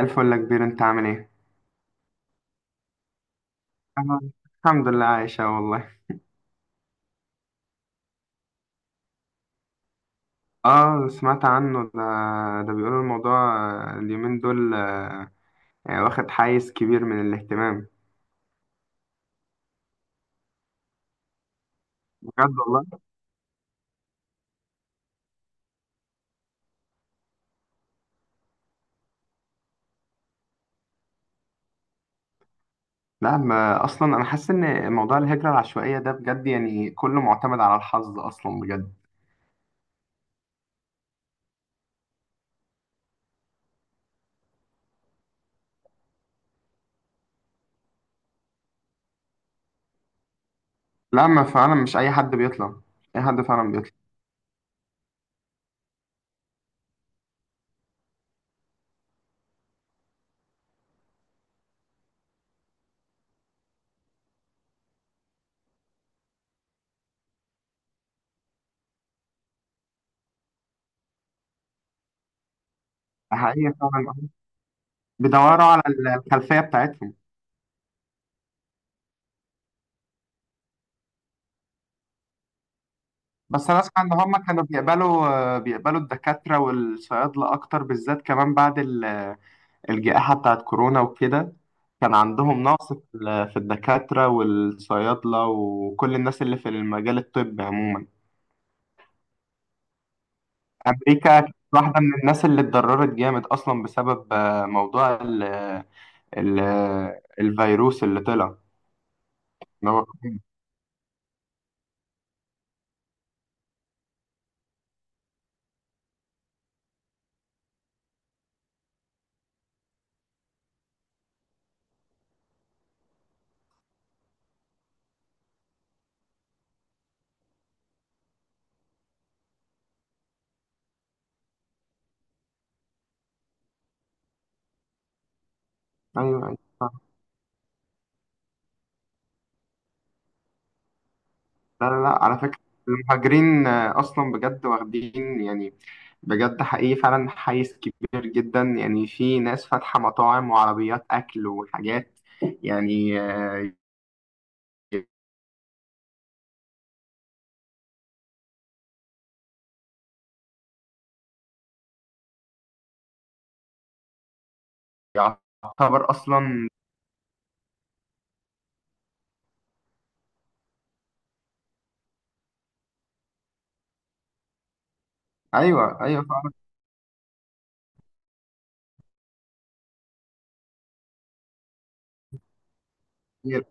الفل يا كبير، انت عامل ايه؟ أنا الحمد لله عايشة والله. اه سمعت عنه ده. ده بيقولوا الموضوع، اليومين دول يعني واخد حيز كبير من الاهتمام. بجد والله؟ لا ما اصلا انا حاسس ان موضوع الهجرة العشوائية ده بجد يعني كله معتمد على الحظ اصلا بجد. لا ما فعلا مش اي حد بيطلع، اي حد فعلا بيطلع. ده حقيقي فعلا، بيدوروا على الخلفية بتاعتهم. بس انا اسمع ان هم كانوا بيقبلوا، بيقبلوا الدكاترة والصيادلة اكتر بالذات، كمان بعد الجائحة بتاعت كورونا وكده. كان عندهم نقص في الدكاترة والصيادلة وكل الناس اللي في المجال الطبي عموما. أمريكا كانت واحدة من الناس اللي اتضررت جامد أصلا بسبب موضوع ال الفيروس اللي طلع، اللي هو كورونا. أيوه أيوه، صح. لا لا لا، على فكرة المهاجرين أصلا بجد واخدين يعني بجد حقيقي فعلا حيز كبير جدا. يعني في ناس فاتحة مطاعم وعربيات أكل وحاجات يعني. يعتبر اصلا. ايوه ايوه فعلا. كتير.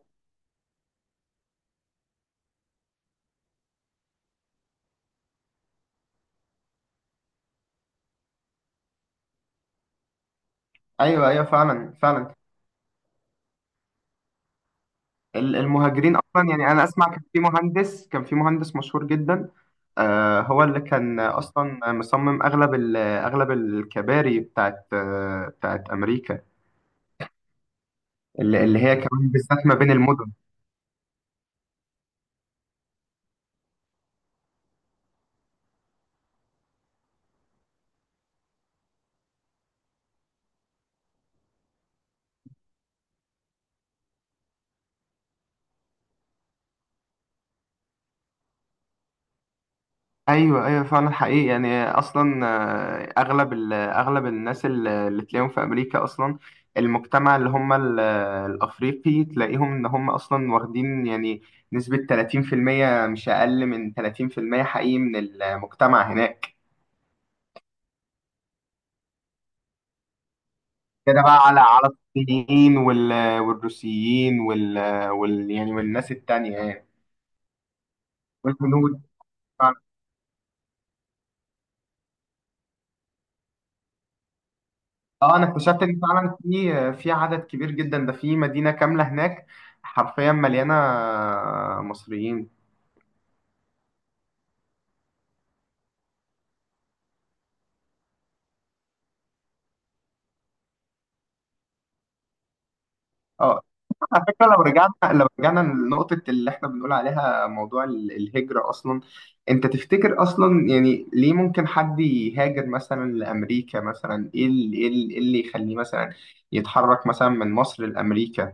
ايوه ايوه فعلا فعلا. المهاجرين اصلا، يعني انا اسمع كان في مهندس مشهور جدا، هو اللي كان اصلا مصمم اغلب اغلب الكباري بتاعت امريكا، اللي هي كمان بالذات ما بين المدن. ايوه ايوه فعلا حقيقي. يعني اصلا اغلب اغلب الناس اللي تلاقيهم في امريكا اصلا، المجتمع اللي هم الافريقي، تلاقيهم ان هم اصلا واخدين يعني نسبة 30%، مش اقل من 30% حقيقي من المجتمع هناك. كده بقى على الصينيين والروسيين يعني والناس التانية يعني. والهنود. اه، انا اكتشفت ان فعلا في عدد كبير جدا، ده في مدينه كامله هناك حرفيا مليانه مصريين. اه، على فكره، لو رجعنا لنقطه اللي احنا بنقول عليها، موضوع الهجره اصلا، انت تفتكر اصلا يعني ليه ممكن حد يهاجر مثلا لامريكا مثلا؟ ايه اللي ايه اللي إيه اللي يخليه مثلا يتحرك مثلا من مصر لامريكا،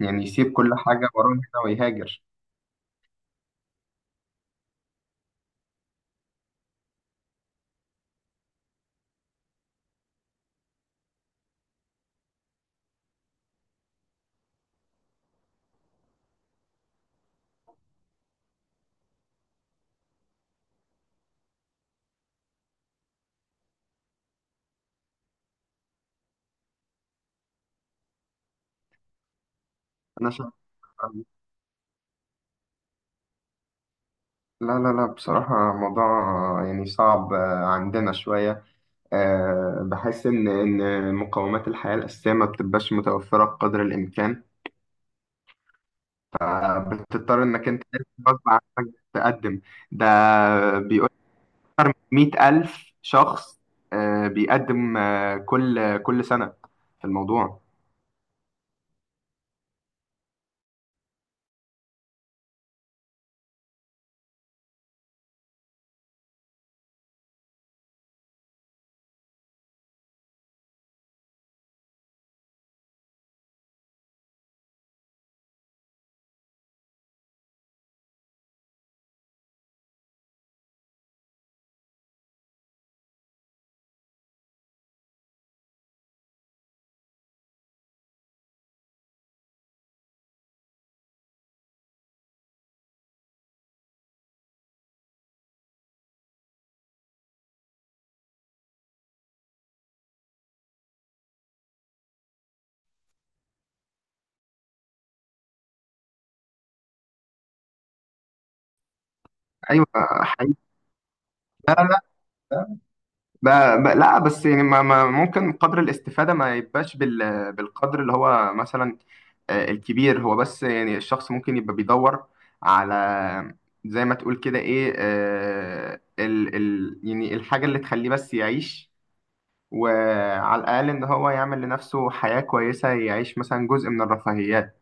يعني يسيب كل حاجه وراه هنا ويهاجر؟ انا شايف. لا لا لا، بصراحة موضوع يعني صعب عندنا شوية. بحس إن مقومات الحياة الأساسية ما بتبقاش متوفرة بقدر الإمكان. بتضطر إنك أنت غصب عنك تقدم. ده بيقول أكتر من 100,000 ألف شخص بيقدم كل سنة في الموضوع. أيوة، حقيقي. لا، لا. ب... لا، بس يعني ما ممكن قدر الاستفادة ما يبقاش بالقدر اللي هو مثلا الكبير. هو بس يعني الشخص ممكن يبقى بيدور على، زي ما تقول كده، ايه آه، ال ال يعني الحاجة اللي تخليه بس يعيش، وعلى الأقل إن هو يعمل لنفسه حياة كويسة، يعيش مثلا جزء من الرفاهيات.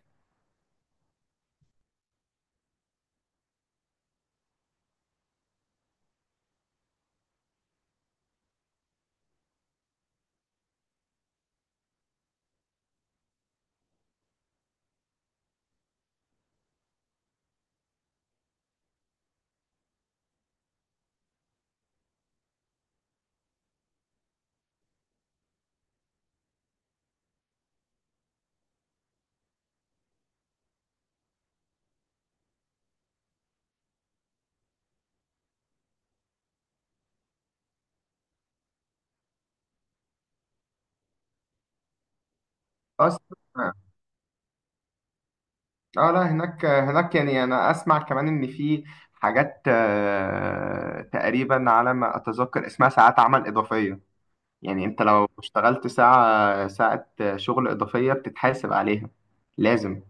أصلا. اه. لا، هناك يعني أنا أسمع كمان إن في حاجات تقريبا على ما أتذكر اسمها ساعات عمل إضافية. يعني انت لو اشتغلت ساعة ساعة شغل إضافية بتتحاسب عليها لازم.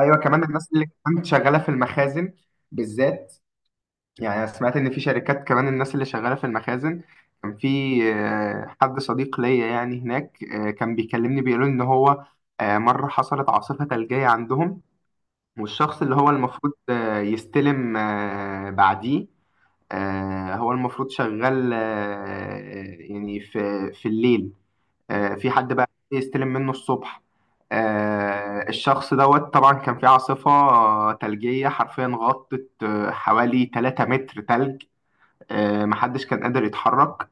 أيوة، كمان الناس اللي كانت شغالة في المخازن بالذات، يعني أنا سمعت إن في شركات كمان الناس اللي شغالة في المخازن، كان في حد صديق ليا يعني هناك، كان بيكلمني بيقول إن هو مرة حصلت عاصفة ثلجية عندهم، والشخص اللي هو المفروض يستلم بعديه، هو المفروض شغال يعني في الليل، في حد بقى يستلم منه الصبح. الشخص دوت طبعا كان في عاصفة ثلجية حرفيا غطت حوالي 3 متر ثلج. محدش كان قادر يتحرك،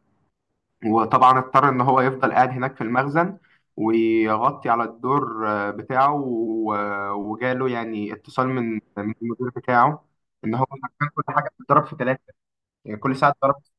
وطبعا اضطر ان هو يفضل قاعد هناك في المخزن، ويغطي على الدور بتاعه، وجاله يعني اتصال من المدير بتاعه، ان هو كان كل حاجة بتتضرب في ثلاثة. يعني كل ساعة بتتضرب في-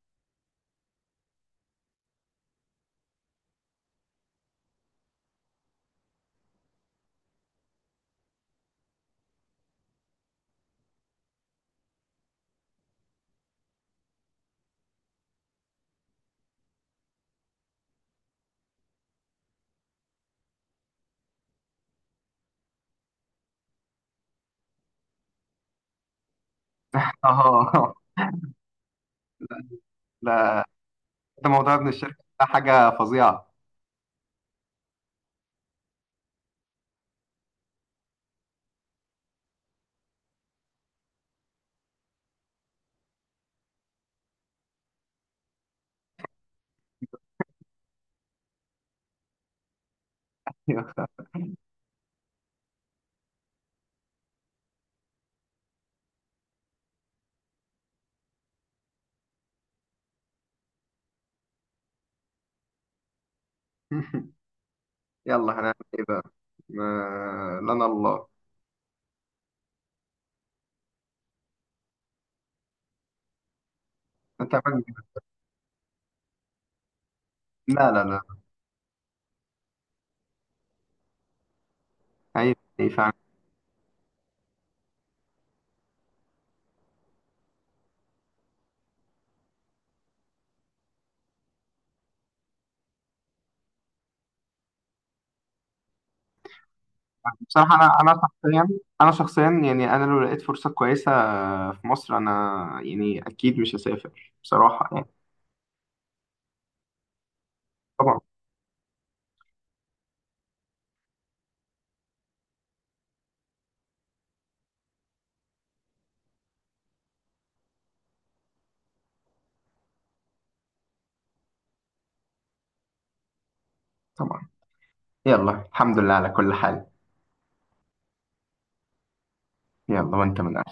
اه. لا، ده موضوع ابن الشركة ده حاجة فظيعة. يلا هنعمل ايه بقى؟ ما... لنا الله. انت عملت. لا لا لا، عيب عيب فعلا. بصراحة انا شخصيا يعني انا لو لقيت فرصة كويسة في مصر، انا يعني اكيد مش هسافر بصراحة يعني. طبعا. طبعا. يلا الحمد لله على كل حال. يلا وانت من